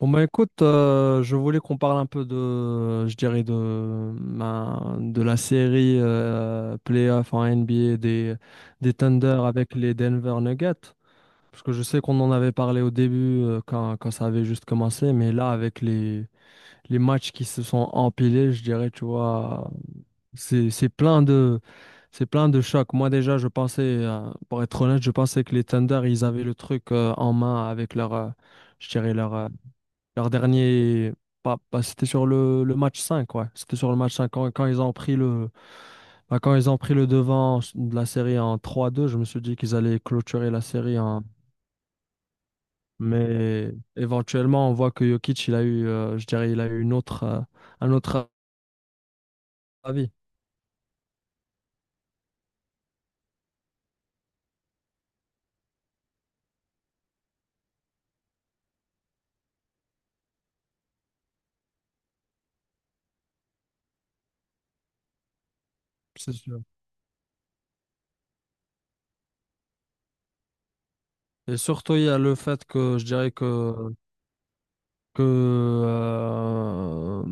Bon bah écoute, je voulais qu'on parle un peu de, je dirais de, ben, de la série playoff en NBA des Thunder avec les Denver Nuggets. Parce que je sais qu'on en avait parlé au début, quand ça avait juste commencé, mais là avec les matchs qui se sont empilés, je dirais, tu vois, c'est plein de, c'est plein de chocs. Moi déjà, je pensais, pour être honnête, je pensais que les Thunder, ils avaient le truc en main avec leur, je dirais, leur dernier, c'était sur le match 5, ouais. C'était sur le match 5 quand ils ont pris le, bah, quand ils ont pris le devant de la série en 3-2, je me suis dit qu'ils allaient clôturer la série en... Mais éventuellement, on voit que Jokic, il a eu, je dirais, il a eu une autre, un autre avis. C'est sûr. Et surtout, il y a le fait que je dirais que que euh,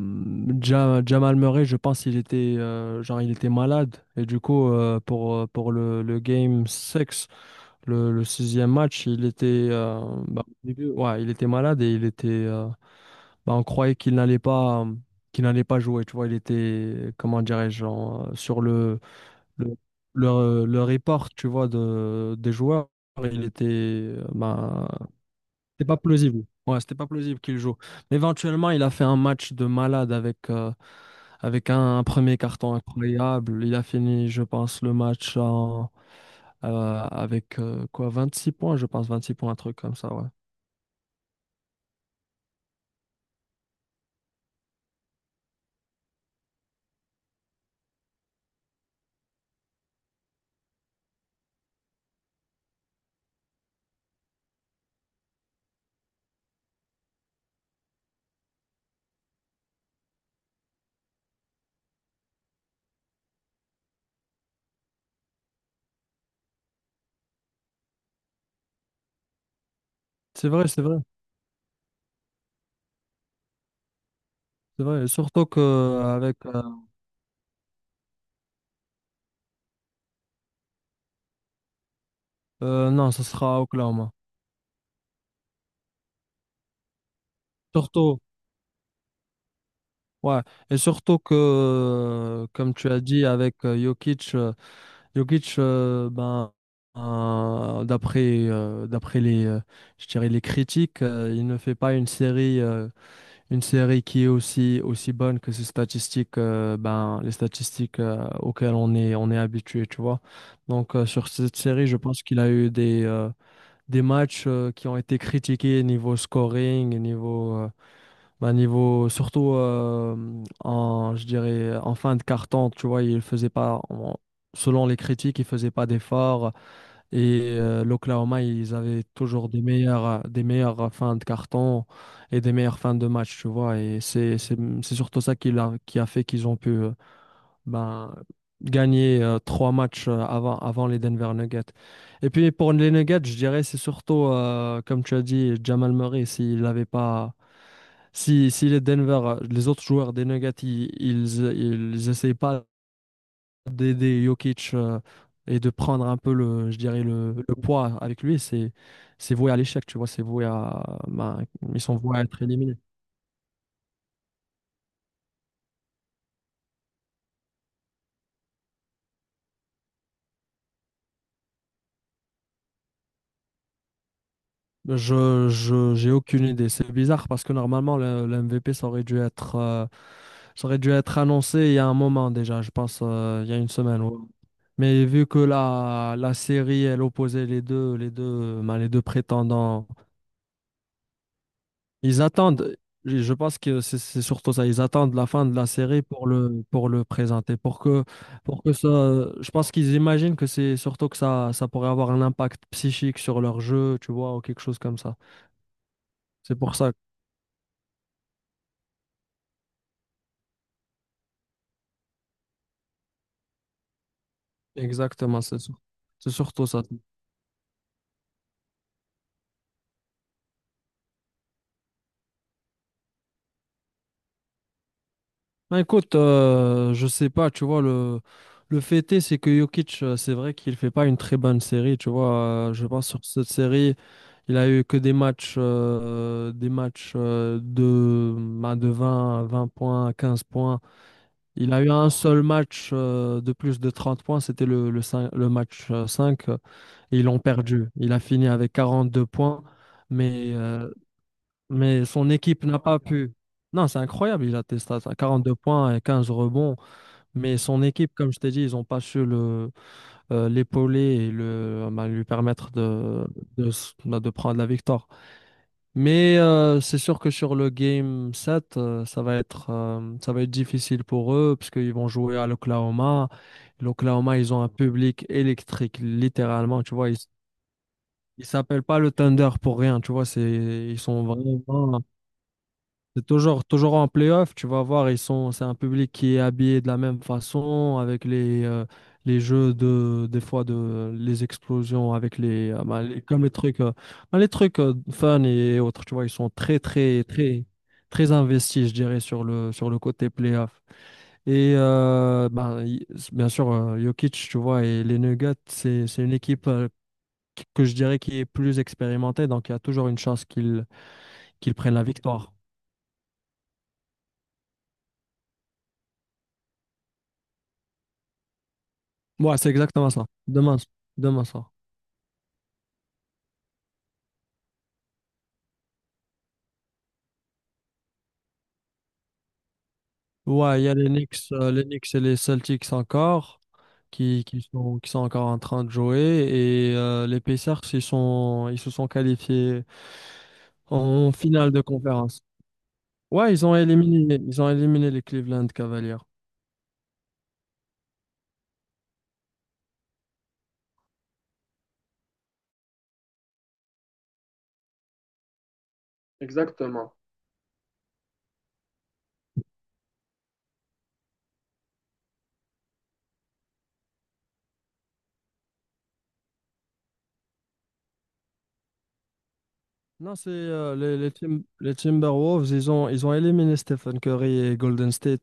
Ja- Jamal Murray, je pense il était, genre il était malade, et du coup pour le game 6, le sixième match, il était, euh, bah, au début, ouais, il était malade et il était, bah, on croyait qu'il n'allait pas, jouer, tu vois, il était, comment dirais-je, genre, sur le, le report, tu vois, de des joueurs, il était, bah, c'était pas plausible. Ouais, c'était pas plausible qu'il joue. Mais éventuellement, il a fait un match de malade avec, avec un premier carton incroyable. Il a fini, je pense, le match en, avec quoi, 26 points, je pense, 26 points, un truc comme ça, ouais. C'est vrai, c'est vrai, c'est vrai. Et surtout que avec non, ce sera à Oklahoma. Surtout, ouais. Et surtout que, comme tu as dit, avec Jokic. Jokic, ben, euh, d'après d'après les, je dirais, les critiques, il ne fait pas une série, une série qui est aussi, aussi bonne que ses statistiques, ben, les statistiques auxquelles on est habitué, tu vois. Donc, sur cette série, je pense qu'il a eu des matchs qui ont été critiqués niveau scoring, niveau, bah, niveau, surtout, en, je dirais, en fin de carton, tu vois, il faisait pas, selon les critiques, il faisait pas d'efforts. Et l'Oklahoma, ils avaient toujours des meilleures fins de carton et des meilleures fins de match, tu vois. Et c'est surtout ça qui a fait qu'ils ont pu, ben, gagner trois matchs, avant les Denver Nuggets. Et puis pour les Nuggets, je dirais, c'est surtout, comme tu as dit, Jamal Murray, s'il n'avait pas, si les Denver, les autres joueurs des Nuggets, ils essayent pas d'aider Jokic, et de prendre un peu le, je dirais le poids avec lui, c'est voué à l'échec, tu vois, c'est voué à, ben, ils sont voués à être éliminés. J'ai aucune idée. C'est bizarre parce que normalement le MVP, ça aurait dû être annoncé il y a un moment déjà, je pense, il y a une semaine, ouais. Mais vu que la série elle opposait ben, les deux prétendants. Ils attendent, je pense que c'est surtout ça, ils attendent la fin de la série pour le présenter, pour que ça, je pense qu'ils imaginent que c'est surtout que ça pourrait avoir un impact psychique sur leur jeu, tu vois, ou quelque chose comme ça. C'est pour ça, exactement, c'est surtout ça. Ben écoute, je sais pas, tu vois, le fait est, c'est que Jokic, c'est vrai qu'il fait pas une très bonne série, tu vois. Je pense sur cette série, il a eu que des matchs, de, ben, de 20, 20 points, 15 points. Il a eu un seul match, de plus de 30 points, c'était le match, 5, et ils l'ont perdu. Il a fini avec 42 points, mais, euh, mais son équipe n'a pas pu. Non, c'est incroyable, il a tes stats, hein, 42 points et 15 rebonds. Mais son équipe, comme je t'ai dit, ils n'ont pas su le l'épauler et le, bah, lui permettre de, bah, de prendre la victoire. Mais c'est sûr que sur le game 7, ça va être difficile pour eux parce qu'ils vont jouer à l'Oklahoma. L'Oklahoma, ils ont un public électrique, littéralement. Tu vois, ils ne s'appellent pas le Thunder pour rien. Tu vois, c'est, ils sont vraiment, c'est toujours, toujours en playoff, tu vas voir, ils sont, c'est un public qui est habillé de la même façon, avec les jeux de, des fois de, les explosions, avec les, bah, comme les trucs, bah, les trucs, fun et autres, tu vois, ils sont très, très, très, très investis, je dirais, sur le côté playoff. Et bah, bien sûr, Jokic, tu vois, et les Nuggets, c'est une équipe, que je dirais qui est plus expérimentée, donc il y a toujours une chance qu'ils prennent la victoire. Ouais, c'est exactement ça. Demain, ça. Demain, ça. Ouais, il y a les Knicks, et les Celtics encore, qui, qui sont encore en train de jouer. Et les Pacers, ils sont, ils se sont qualifiés en finale de conférence. Ouais, ils ont éliminé les Cleveland Cavaliers. Exactement. Non, c'est les Timberwolves, ils ont éliminé Stephen Curry et Golden State.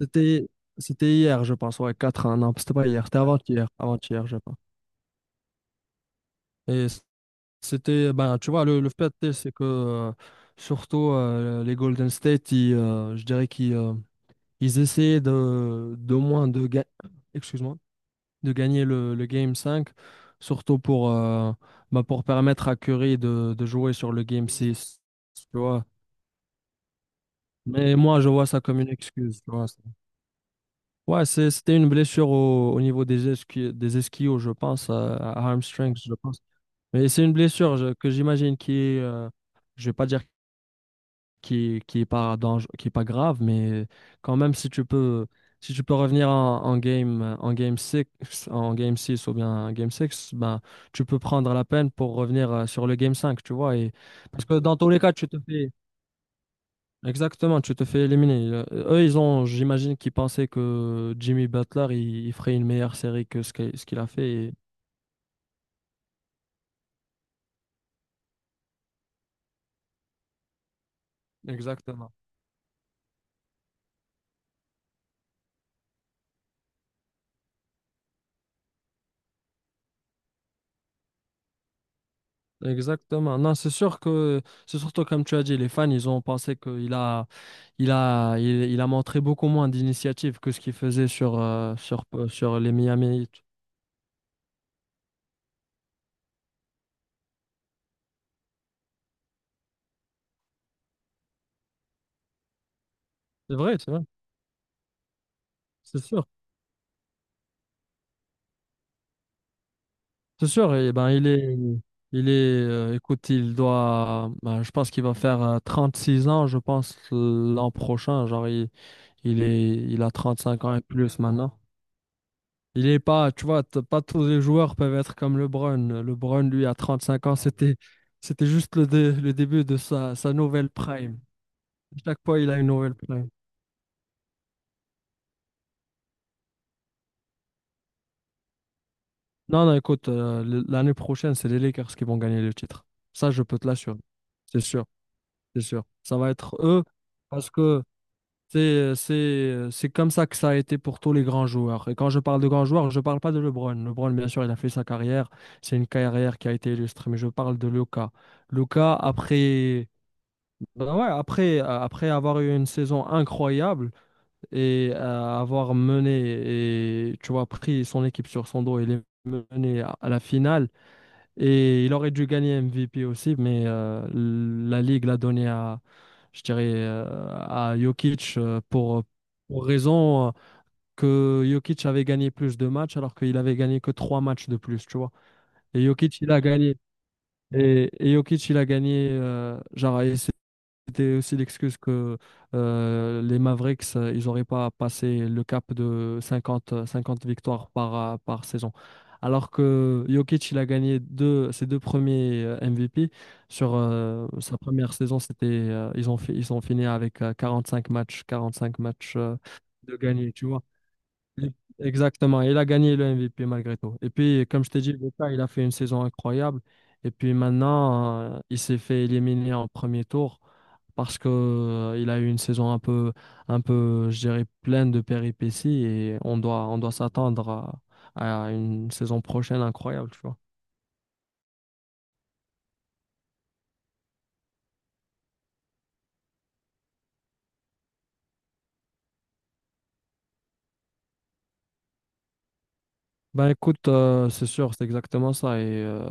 C'était, c'était hier, je pense, ouais, 4-1. Non, c'était pas hier, c'était avant-hier, avant-hier, je pense. Et c'était, ben, tu vois, le fait, c'est que, surtout les Golden State, ils, je dirais qu'ils, ils essayaient de, excuse-moi, de gagner le Game 5, surtout pour, ben, pour permettre à Curry de jouer sur le Game 6, tu vois. Mais moi, je vois ça comme une excuse, tu vois. Ouais, c'était une blessure au, niveau des des ischios, je pense, à hamstrings, je pense. Mais c'est une blessure que j'imagine qui est, je vais pas dire qui, est pas dangereux, qui est pas grave, mais quand même, si tu peux, si tu peux revenir en, en game 6 ou bien en game six, ben, tu peux prendre la peine pour revenir, sur le game 5, tu vois. Et parce que dans tous les cas, tu te fais, exactement, tu te fais éliminer. Eux, j'imagine qu'ils pensaient que Jimmy Butler, il ferait une meilleure série que ce qu'il a fait. Exactement. Exactement. Non, c'est sûr que, c'est surtout comme tu as dit, les fans, ils ont pensé qu'il a, il a montré beaucoup moins d'initiative que ce qu'il faisait sur, sur les Miami Heat. C'est vrai, c'est vrai, c'est sûr. C'est sûr, et ben, il est, écoute, il doit, ben, je pense qu'il va faire, 6 ans, je pense, l'an prochain. Genre, il a 35 ans et plus maintenant. Il est pas, tu vois, pas tous les joueurs peuvent être comme LeBron. LeBron, lui, à 5 ans, c'était juste le, le début de sa nouvelle prime. Chaque fois, il a une nouvelle prime. Non, non, écoute, l'année prochaine, c'est les Lakers qui vont gagner le titre. Ça, je peux te l'assurer. C'est sûr, c'est sûr. Ça va être eux parce que c'est comme ça que ça a été pour tous les grands joueurs. Et quand je parle de grands joueurs, je parle pas de LeBron. LeBron, bien sûr, il a fait sa carrière. C'est une carrière qui a été illustre. Mais je parle de Luka. Luka, après. Ben ouais, après avoir eu une saison incroyable et, avoir mené et, tu vois, pris son équipe sur son dos, il est mené à la finale, et il aurait dû gagner MVP aussi, mais la Ligue l'a donné à, je dirais, à Jokic, pour raison, que Jokic avait gagné plus de matchs, alors qu'il avait gagné que trois matchs de plus, tu vois. Et Jokic, il a gagné. Et Jokic, il a gagné, genre, et c'était aussi l'excuse que, les Mavericks, ils n'auraient pas passé le cap de cinquante 50 victoires par, par saison. Alors que Jokic, il a gagné ses deux premiers, MVP. Sur, sa première saison, c'était, ils ont fini avec, 45 matchs, de gagnés, tu vois. Exactement, il a gagné le MVP malgré tout. Et puis, comme je t'ai dit, Luka, il a fait une saison incroyable. Et puis maintenant, il s'est fait éliminer en premier tour, parce que, il a eu une saison un peu, je dirais, pleine de péripéties, et on doit s'attendre à une saison prochaine incroyable, tu vois. Ben écoute, c'est sûr, c'est exactement ça. Et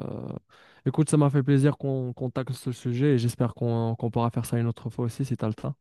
écoute, ça m'a fait plaisir qu'on tacle ce sujet, et j'espère qu'on pourra faire ça une autre fois aussi, si t'as le temps.